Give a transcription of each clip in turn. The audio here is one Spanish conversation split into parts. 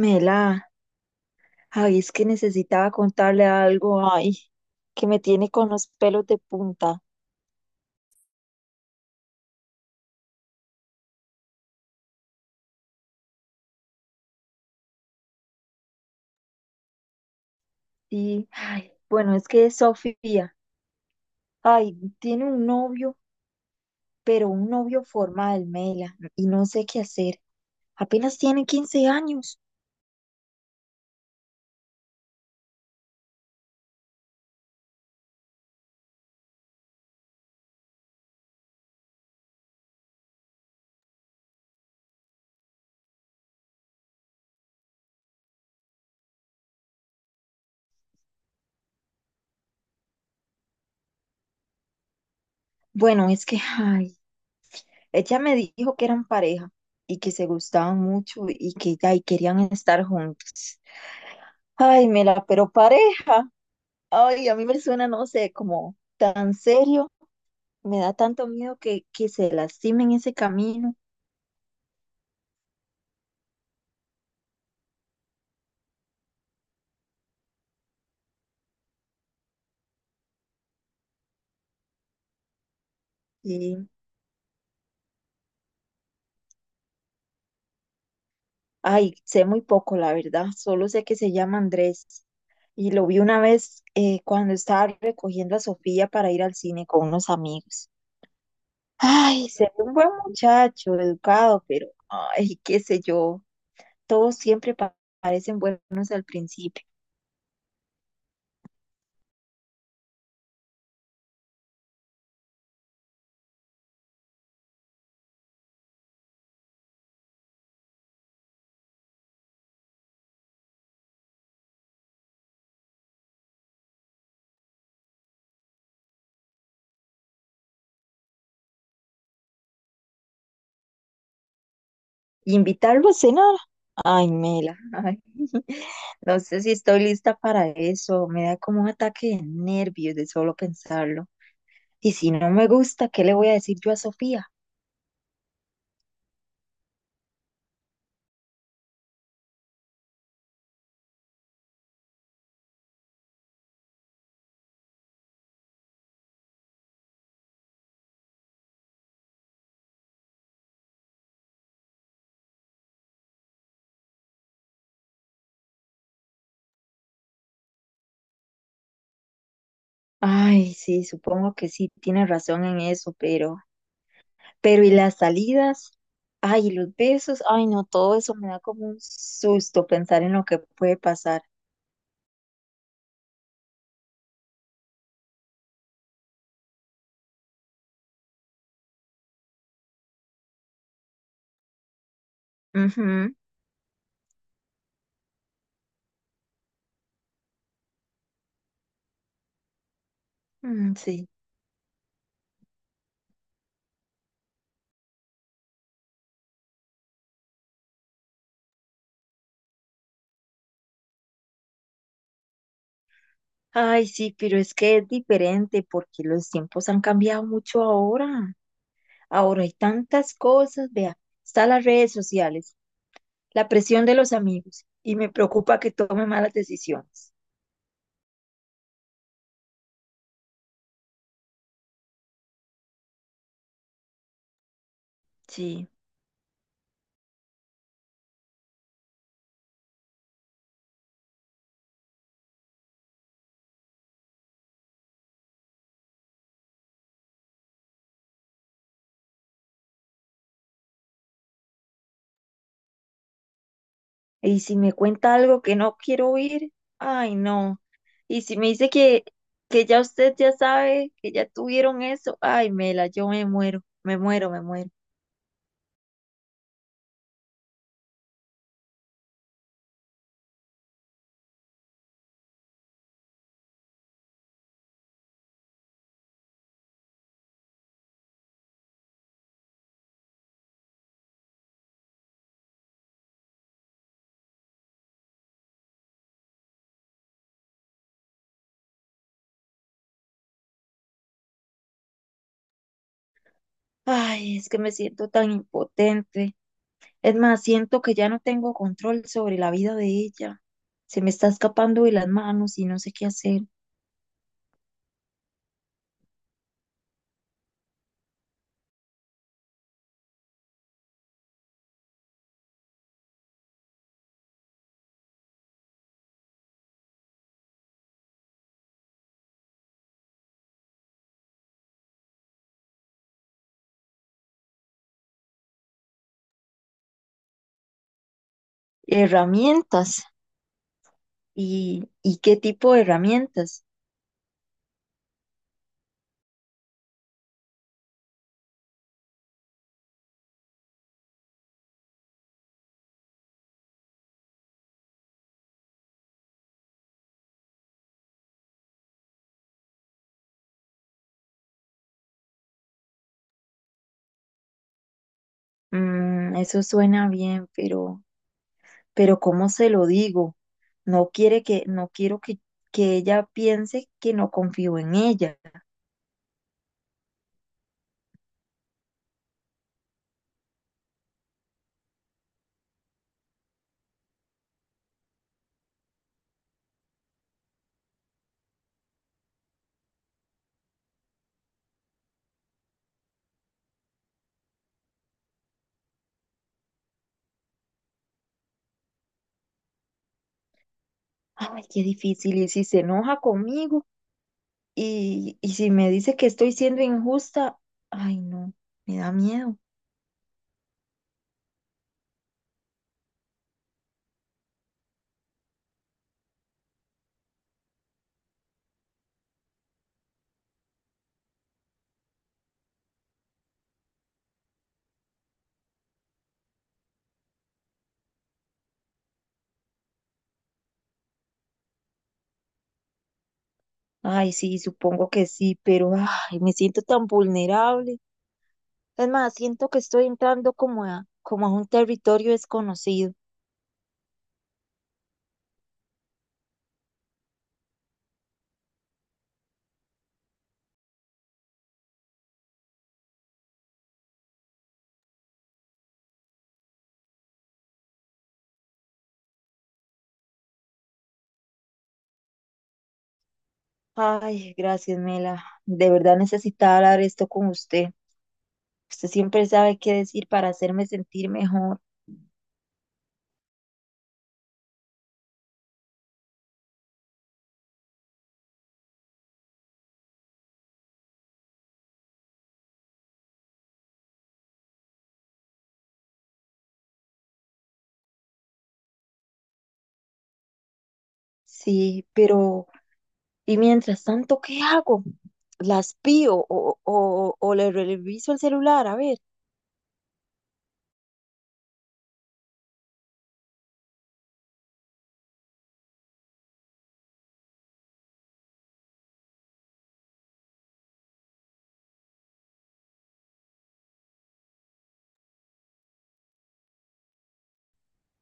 Mela, ay, es que necesitaba contarle algo, ay, que me tiene con los pelos de punta. Sí, ay, bueno, es que Sofía, ay, tiene un novio, pero un novio formal, Mela, y no sé qué hacer. Apenas tiene 15 años. Bueno, es que, ay, ella me dijo que eran pareja y que se gustaban mucho y que ya, y querían estar juntos. Ay, Mela, pero pareja, ay, a mí me suena, no sé, como tan serio. Me da tanto miedo que se lastimen ese camino. Y, ay, sé muy poco, la verdad. Solo sé que se llama Andrés. Y lo vi una vez cuando estaba recogiendo a Sofía para ir al cine con unos amigos. Ay, se ve un buen muchacho, educado, pero, ay, qué sé yo. Todos siempre parecen buenos al principio. Invitarlo a cenar. Ay, Mela, ay, no sé si estoy lista para eso. Me da como un ataque de nervios de solo pensarlo. Y si no me gusta, ¿qué le voy a decir yo a Sofía? Ay, sí, supongo que sí, tiene razón en eso, pero y las salidas, ay, y los besos, ay, no, todo eso me da como un susto pensar en lo que puede pasar. Ujú, mm, sí. Ay, sí, pero es que es diferente porque los tiempos han cambiado mucho ahora. Ahora hay tantas cosas, vea, están las redes sociales, la presión de los amigos y me preocupa que tome malas decisiones. Sí. Y si me cuenta algo que no quiero oír, ay no. Y si me dice que ya usted ya sabe, que ya tuvieron eso, ay Mela, yo me muero, me muero, me muero. Ay, es que me siento tan impotente. Es más, siento que ya no tengo control sobre la vida de ella. Se me está escapando de las manos y no sé qué hacer. Herramientas. ¿Y qué tipo de herramientas? Mm, eso suena bien, pero ¿cómo se lo digo? No quiero que ella piense que no confío en ella. Ay, qué difícil. Y si se enoja conmigo y si me dice que estoy siendo injusta, ay, no, me da miedo. Ay, sí, supongo que sí, pero ay, me siento tan vulnerable. Es más, siento que estoy entrando como a un territorio desconocido. Ay, gracias, Mela. De verdad necesitaba hablar esto con usted. Usted siempre sabe qué decir para hacerme sentir mejor. Sí, pero ¿y mientras tanto qué hago? ¿Las pío o le reviso el celular? A ver.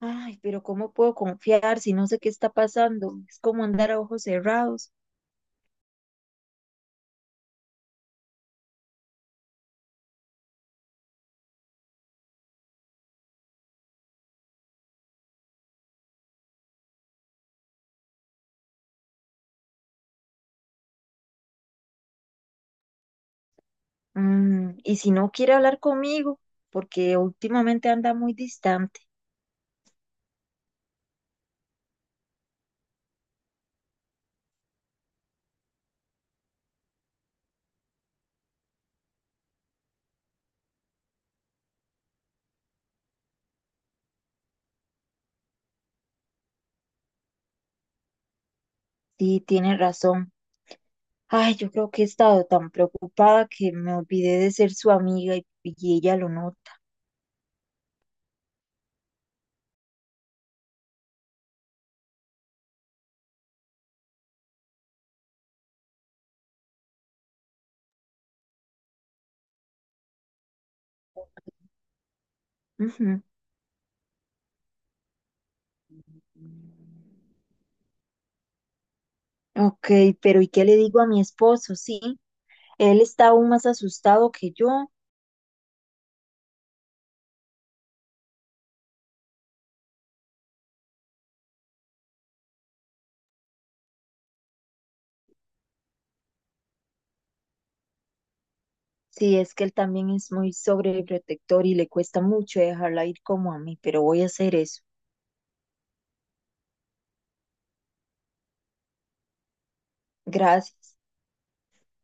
Ay, pero ¿cómo puedo confiar si no sé qué está pasando? Es como andar a ojos cerrados. Mm, y si no quiere hablar conmigo, porque últimamente anda muy distante. Sí, tiene razón. Ay, yo creo que he estado tan preocupada que me olvidé de ser su amiga y ella lo nota. Ujú. Ok, pero ¿y qué le digo a mi esposo? Sí, él está aún más asustado que yo. Sí, es que él también es muy sobreprotector y le cuesta mucho dejarla ir como a mí, pero voy a hacer eso. Gracias.